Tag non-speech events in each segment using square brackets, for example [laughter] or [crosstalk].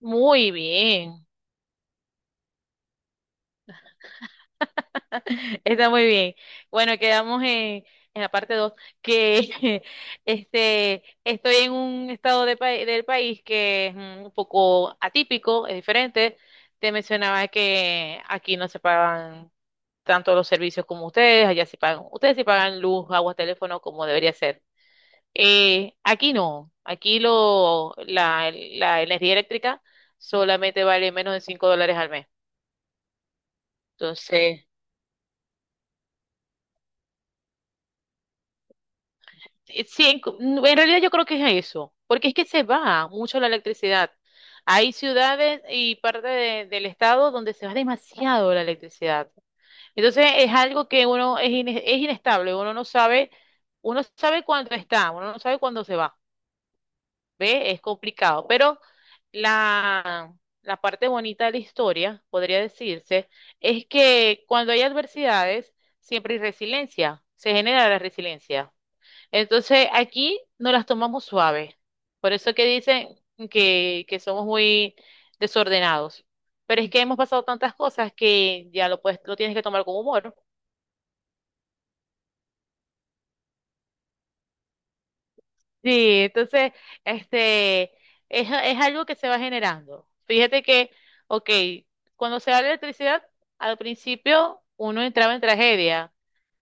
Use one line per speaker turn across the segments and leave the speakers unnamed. Muy bien. [laughs] Está muy bien. Bueno, quedamos en la parte 2 que [laughs] estoy en un estado de del país que es un poco atípico, es diferente. Te mencionaba que aquí no se pagan tanto los servicios como ustedes, allá se pagan, ustedes sí pagan luz, agua, teléfono como debería ser. Aquí no, aquí la energía eléctrica solamente vale menos de $5 al mes. Entonces, sí, en realidad yo creo que es eso, porque es que se va mucho la electricidad. Hay ciudades y parte del estado donde se va demasiado la electricidad. Entonces es algo que uno es inestable, uno no sabe, uno sabe cuándo está, uno no sabe cuándo se va. ¿Ve? Es complicado, pero la, la parte bonita de la historia, podría decirse, es que cuando hay adversidades, siempre hay resiliencia, se genera la resiliencia. Entonces aquí no las tomamos suaves. Por eso que dicen que somos muy desordenados. Pero es que hemos pasado tantas cosas que ya lo, puedes, lo tienes que tomar con humor. Sí, entonces, este, es algo que se va generando. Fíjate que, ok, cuando se da la electricidad, al principio uno entraba en tragedia,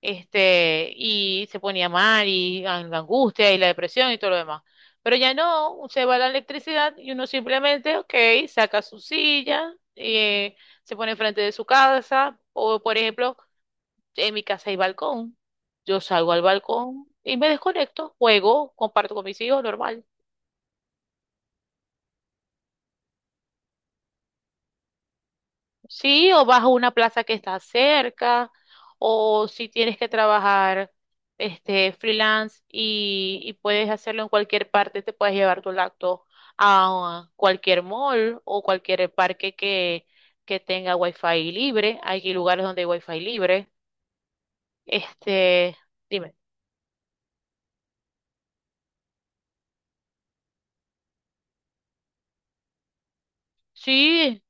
y se ponía mal, y la angustia, y la depresión, y todo lo demás. Pero ya no, se va la electricidad y uno simplemente, ok, saca su silla, se pone enfrente de su casa, o por ejemplo, en mi casa hay balcón. Yo salgo al balcón y me desconecto, juego, comparto con mis hijos, normal. Sí, o vas a una plaza que está cerca, o si tienes que trabajar freelance y puedes hacerlo en cualquier parte, te puedes llevar tu laptop a cualquier mall o cualquier parque que tenga wifi libre. Hay lugares donde hay wifi libre. Este, Dime. Sí,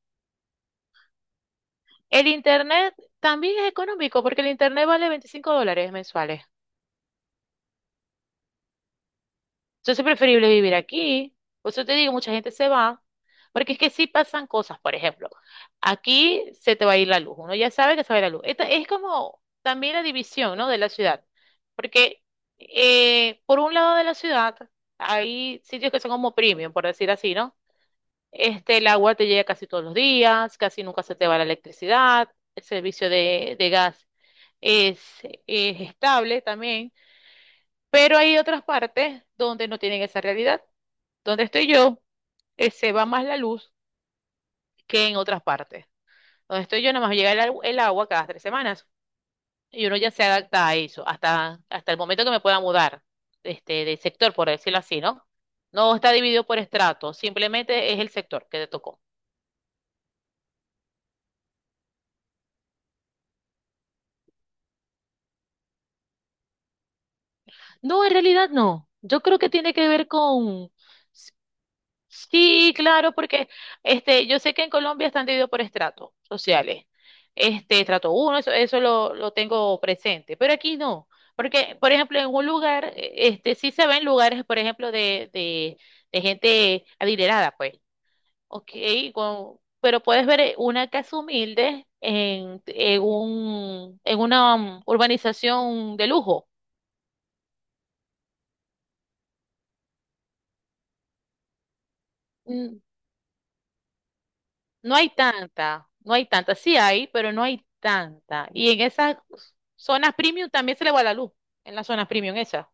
el internet también es económico porque el internet vale $25 mensuales. Entonces es preferible vivir aquí. Por eso te digo, mucha gente se va. Porque es que sí pasan cosas, por ejemplo, aquí se te va a ir la luz. Uno ya sabe que se va a ir la luz. Esta es como también la división, ¿no?, de la ciudad. Porque por un lado de la ciudad hay sitios que son como premium, por decir así, ¿no? El agua te llega casi todos los días, casi nunca se te va la electricidad, el servicio de gas es, es estable también, pero hay otras partes donde no tienen esa realidad. Donde estoy yo, se va más la luz que en otras partes. Donde estoy yo, nada más llega el agua cada 3 semanas y uno ya se adapta a eso, hasta el momento que me pueda mudar, de sector, por decirlo así, ¿no? No está dividido por estrato, simplemente es el sector que te tocó. No, en realidad no. Yo creo que tiene que ver con, sí, claro, porque yo sé que en Colombia están divididos por estratos sociales. Estrato uno, eso lo tengo presente, pero aquí no, porque, por ejemplo, en un lugar, sí se ven lugares, por ejemplo, de gente adinerada, pues, ok, pero puedes ver una casa humilde en una urbanización de lujo. No hay tanta, no hay tanta. Sí hay, pero no hay tanta. Y en esas zonas premium también se le va la luz, en las zonas premium esas.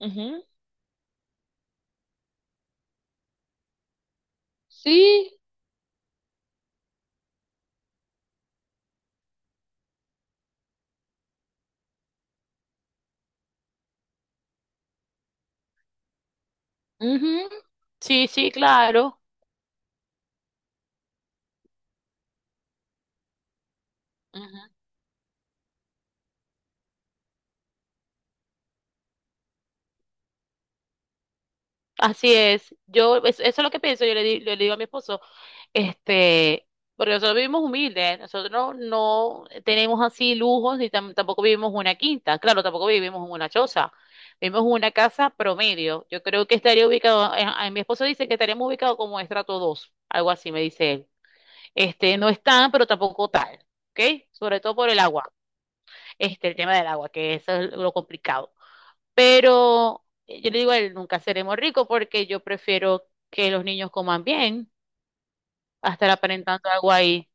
Ujú. Sí, ujú. Sí, sí, claro. Ujú. Así es. Eso es lo que pienso. Le digo a mi esposo. Este, Porque nosotros vivimos humildes, nosotros no tenemos así lujos y tampoco vivimos una quinta, claro, tampoco vivimos en una choza, vivimos en una casa promedio. Yo creo que estaría ubicado, mi esposo dice que estaríamos ubicados como estrato dos, algo así me dice él. No es tan, pero tampoco tal, ¿ok? Sobre todo por el agua, el tema del agua, que eso es lo complicado. Pero yo le digo a él, nunca seremos ricos porque yo prefiero que los niños coman bien, a estar aparentando algo ahí.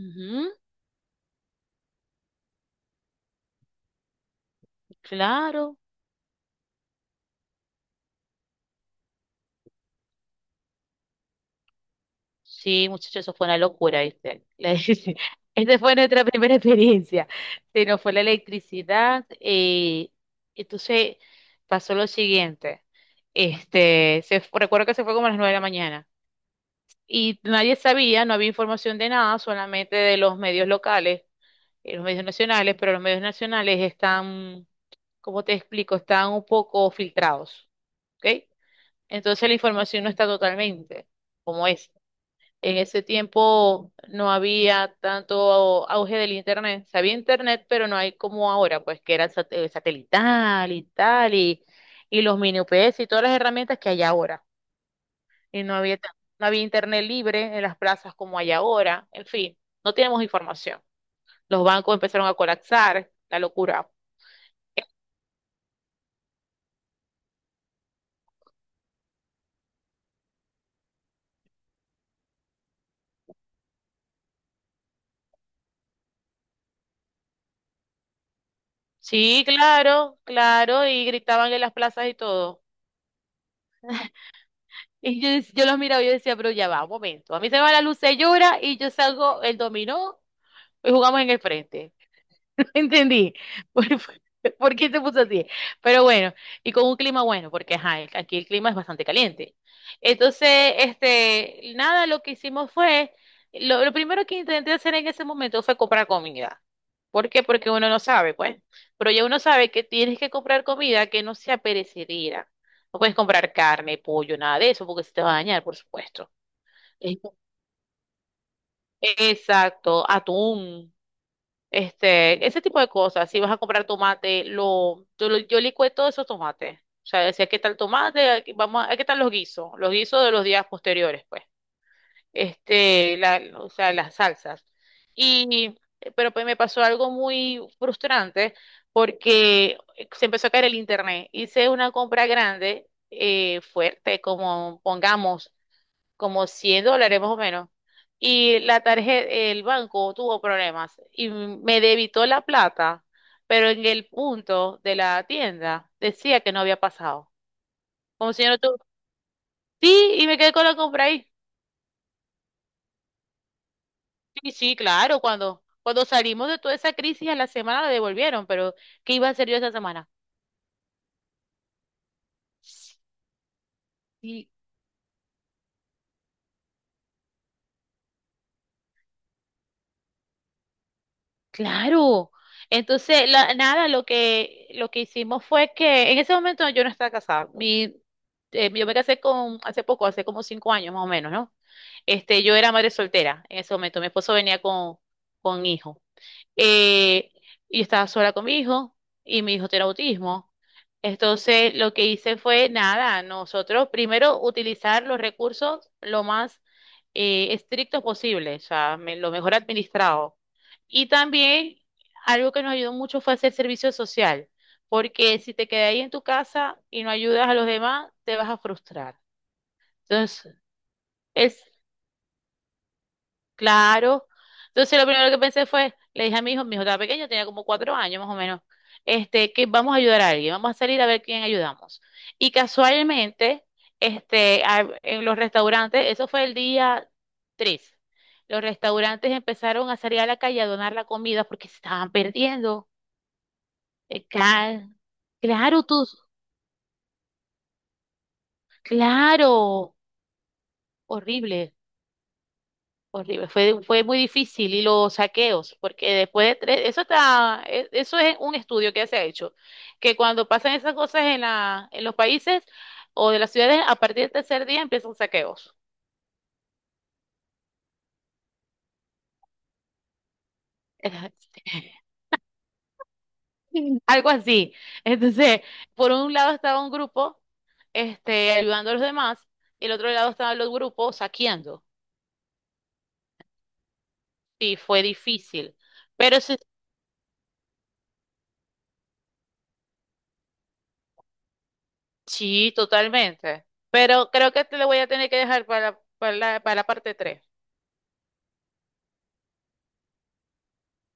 Ujú, claro, sí, muchachos, eso fue una locura, ¿viste? [laughs] Esta fue nuestra [laughs] primera experiencia. Se nos fue la electricidad, entonces pasó lo siguiente. Recuerdo que se fue como a las 9 de la mañana y nadie sabía, no había información de nada, solamente de los medios locales, los medios nacionales, pero los medios nacionales están, ¿cómo te explico? Están un poco filtrados, ¿ok? Entonces la información no está totalmente como es. En ese tiempo no había tanto auge del internet. Se había internet, pero no hay como ahora, pues que era el satelital y tal, y los mini UPS y todas las herramientas que hay ahora. Y no había internet libre en las plazas como hay ahora. En fin, no tenemos información. Los bancos empezaron a colapsar, la locura. Sí, claro, claro, y gritaban en las plazas y todo. Y yo los miraba y yo decía, pero ya va, un momento. A mí se me va la luz, se llora y yo salgo el dominó. Hoy jugamos en el frente. [laughs] No entendí. ¿Por, [laughs] por qué se puso así? Pero bueno, y con un clima bueno, porque ajá, aquí el clima es bastante caliente. Entonces, nada, lo que hicimos fue, lo primero que intenté hacer en ese momento fue comprar comida. ¿Por qué? Porque uno no sabe, pues. Pero ya uno sabe que tienes que comprar comida que no sea perecedera. No puedes comprar carne, pollo, nada de eso, porque se te va a dañar, por supuesto. Ex- Exacto, atún. Ese tipo de cosas. Si vas a comprar tomate, yo licué todos esos tomates. O sea, decía, ¿qué tal tomate? ¿Qué tal los guisos? Los guisos de los días posteriores, pues. O sea, las salsas. Y, pero pues me pasó algo muy frustrante porque se empezó a caer el internet. Hice una compra grande, fuerte, como pongamos como $100 más o menos. Y la tarjeta, el banco tuvo problemas y me debitó la plata, pero en el punto de la tienda decía que no había pasado. Como si yo no tu- Sí, y me quedé con la compra ahí. Sí, sí, claro, cuando, cuando salimos de toda esa crisis a la semana la devolvieron, pero ¿qué iba a hacer yo esa semana? Sí, claro. Entonces, nada, lo que hicimos fue que en ese momento yo no estaba casada. Yo me casé hace poco, hace como 5 años más o menos, ¿no? Yo era madre soltera en ese momento. Mi esposo venía con hijo, eh, y estaba sola con mi hijo y mi hijo tiene autismo. Entonces, lo que hice fue nada, nosotros primero utilizar los recursos lo más estrictos posible, o sea, lo mejor administrado. Y también algo que nos ayudó mucho fue hacer servicio social, porque si te quedas ahí en tu casa y no ayudas a los demás, te vas a frustrar. Entonces, el claro. Entonces lo primero que pensé fue, le dije a mi hijo estaba pequeño, tenía como 4 años más o menos, que vamos a ayudar a alguien, vamos a salir a ver quién ayudamos. Y casualmente, en los restaurantes, eso fue el día tres, los restaurantes empezaron a salir a la calle a donar la comida porque se estaban perdiendo. Eh, ca- Claro, tú, claro, horrible. Horrible, fue muy difícil y los saqueos, porque después de tres, eso es un estudio que se ha hecho, que cuando pasan esas cosas en la, en los países o de las ciudades, a partir del tercer día empiezan saqueos. [laughs] Algo así. Entonces, por un lado estaba un grupo, ayudando a los demás, y el otro lado estaban los grupos saqueando. Y fue difícil. Pero sí, sí, totalmente. Pero creo que te lo voy a tener que dejar para, para la parte tres.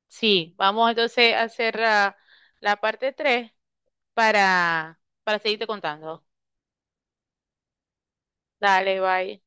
Sí, vamos entonces a hacer parte 3 para seguirte contando. Dale, bye.